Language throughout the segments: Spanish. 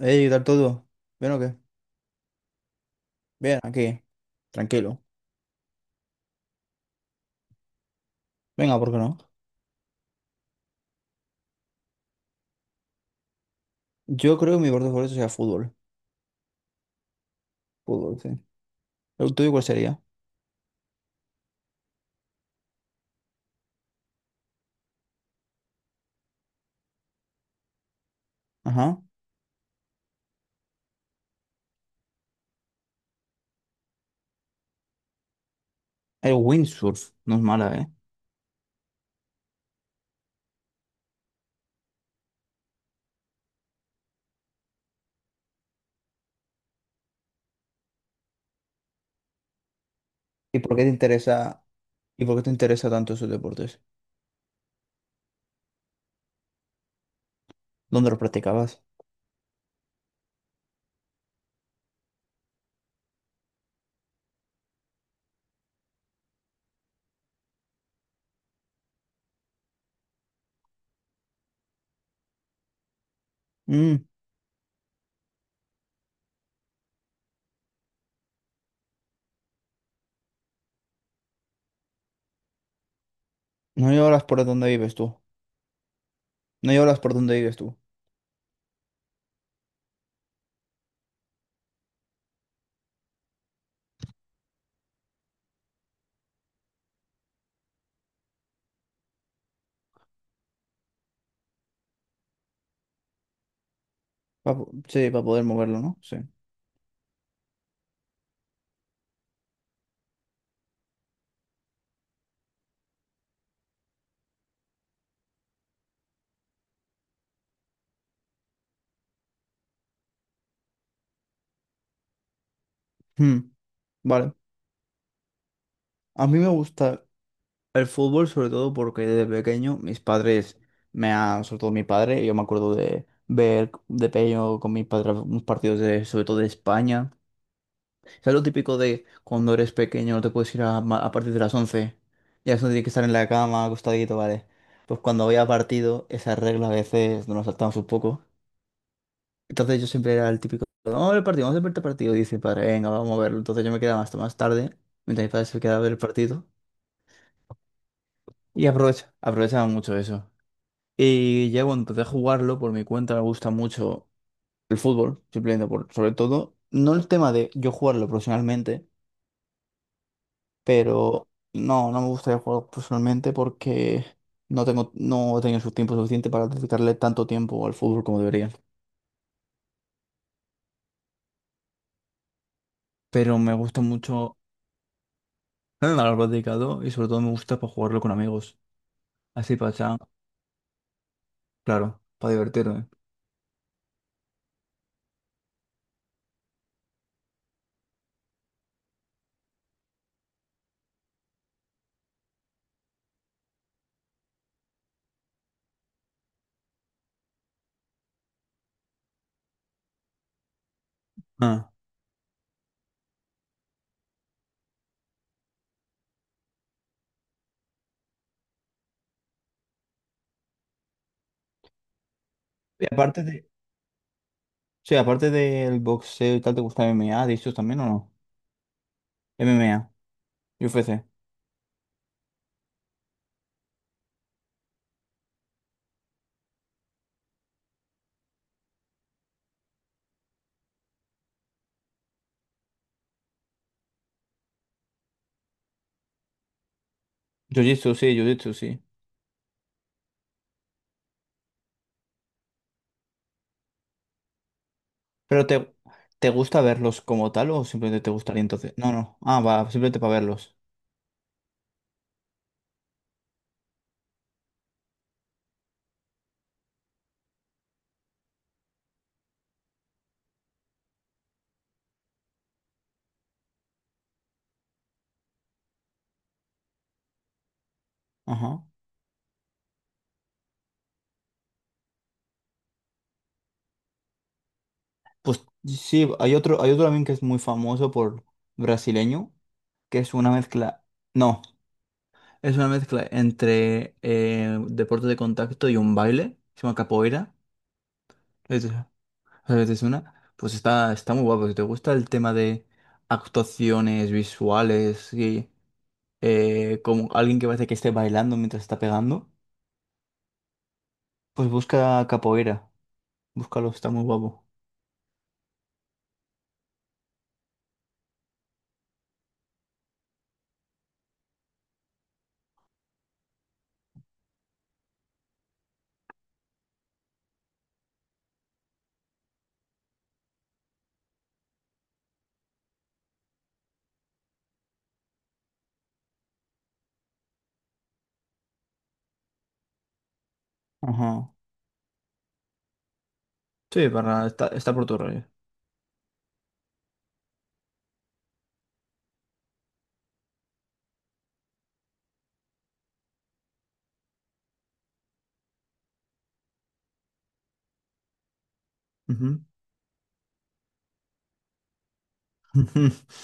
Ey, ¿qué tal todo? ¿Bien o qué? Bien, aquí, tranquilo. Venga, ¿por qué no? Yo creo que mi deporte favorito sea fútbol. Fútbol, sí. ¿El tuyo cuál sería? Ajá. El windsurf, no es mala, ¿eh? ¿Y por qué te interesa, ¿Y por qué te interesa tanto esos deportes? ¿Dónde los practicabas? Mm, no lloras por donde vives tú. No lloras por donde vives tú. Pa- sí, para poder moverlo, ¿no? Sí. Hmm, vale. A mí me gusta el fútbol, sobre todo porque desde pequeño mis padres me han, sobre todo mi padre, yo me acuerdo de ver de pequeño con mis padres unos partidos de, sobre todo de España. Es lo típico de cuando eres pequeño no te puedes ir a, a partir de las once. Ya eso tienes que estar en la cama, acostadito, ¿vale? Pues cuando había partido, esa regla a veces nos la saltamos un poco. Entonces yo siempre era el típico, vamos a ver el partido, vamos a ver el partido. Y dice, mi padre, venga, vamos a verlo. Entonces yo me quedaba hasta más tarde, mientras mi padre se quedaba a ver el partido. Y aprovechaba mucho eso. Y ya cuando empecé a jugarlo, por mi cuenta me gusta mucho el fútbol, simplemente por, sobre todo, no el tema de yo jugarlo profesionalmente, pero no me gustaría jugar profesionalmente porque no he tenido su tiempo suficiente para dedicarle tanto tiempo al fútbol como debería. Pero me gusta mucho haberlo dedicado y sobre todo me gusta para jugarlo con amigos. Así para echar- claro, para divertirme. Ah. Y sí, aparte del boxeo y tal, ¿te gusta M M A ¿dices también o no? M M A y U F C. Jiu-jitsu, sí, jiu-jitsu, sí. Pero te, ¿Te gusta verlos como tal o simplemente te gustaría entonces? No, no. Ah, va, simplemente para verlos. Ajá. Pues sí, hay otro también que es muy famoso por brasileño, que es una mezcla. No, es una mezcla entre deporte de contacto y un baile. Se llama capoeira. Es, es una. Pues está muy guapo. Si te gusta el tema de actuaciones visuales y como alguien que parece que esté bailando mientras está pegando. Pues busca capoeira. Búscalo, está muy guapo. Ajá. Sí, para, está por tu rollo. Ujú.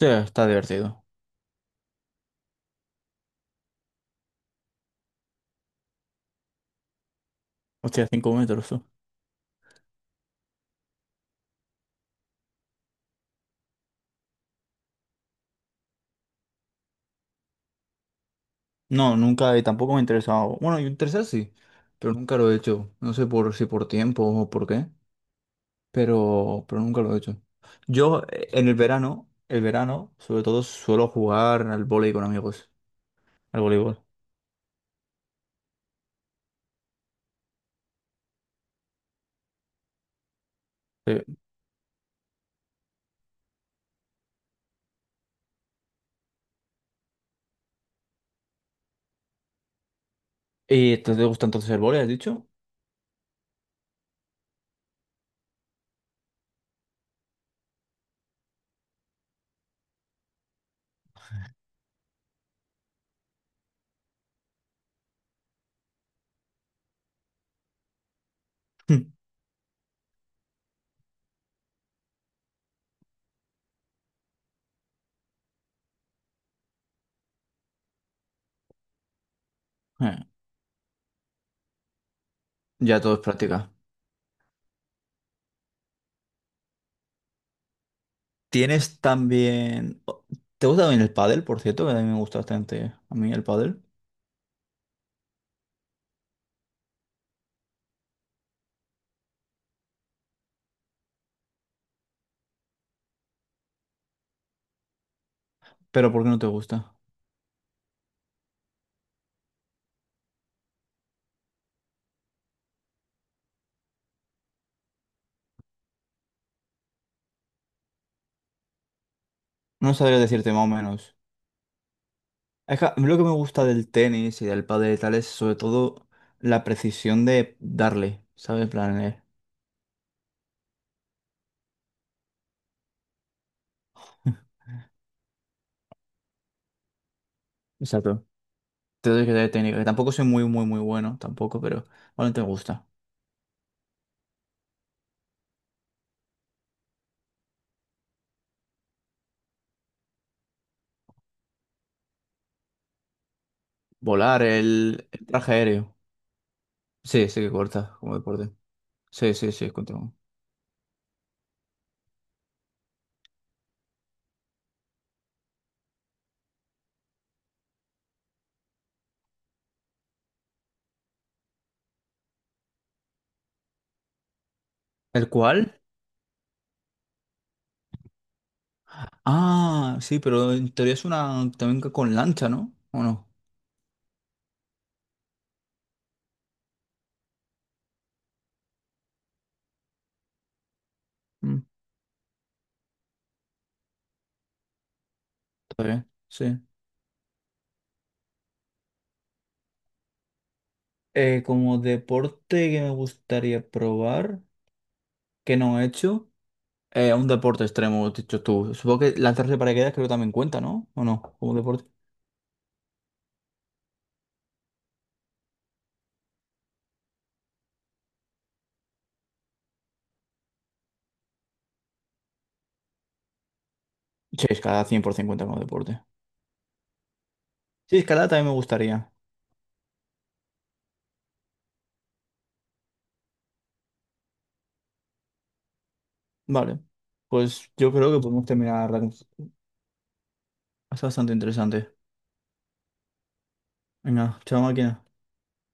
Sí, está divertido. Hostia, cinco metros tú. No, nunca, y tampoco me ha interesado. Bueno, y interesado sí, pero nunca lo he hecho. No sé por si por tiempo o por qué, pero nunca lo he hecho. Yo en el verano, sobre todo suelo jugar al vóley con amigos, al voleibol. Sí. ¿Y te gusta entonces el vóley, has dicho? Eh, ya todo es práctica. Tienes también... ¿Te gusta también el pádel, por cierto? Que a mí me gusta bastante a mí el pádel. Pero ¿por qué no te gusta? No sabría decirte más o menos. Es que a mí lo que me gusta del tenis y del pádel y tal es sobre todo la precisión de darle, ¿sabes? En plan, exacto. Te doy que te dé técnica, que tampoco soy muy, muy bueno, tampoco, pero bueno, te gusta. Volar, el traje aéreo. Sí, sí que corta como deporte. Sí, sí, sí, continúo. ¿El cuál? Ah, sí, pero en teoría es una también que con lancha, ¿no? ¿O no? Mm, está bien, sí. Como deporte que me gustaría probar, que no he hecho, un deporte extremo, has dicho tú. Supongo que lanzarse de paracaídas creo que también cuenta, ¿no? ¿O no? Como deporte. Sí, escalada 100% cuenta como deporte. Sí, escalada también me gustaría. Vale. Pues yo creo que podemos terminar la conversación. Es bastante interesante. Venga, chao máquina.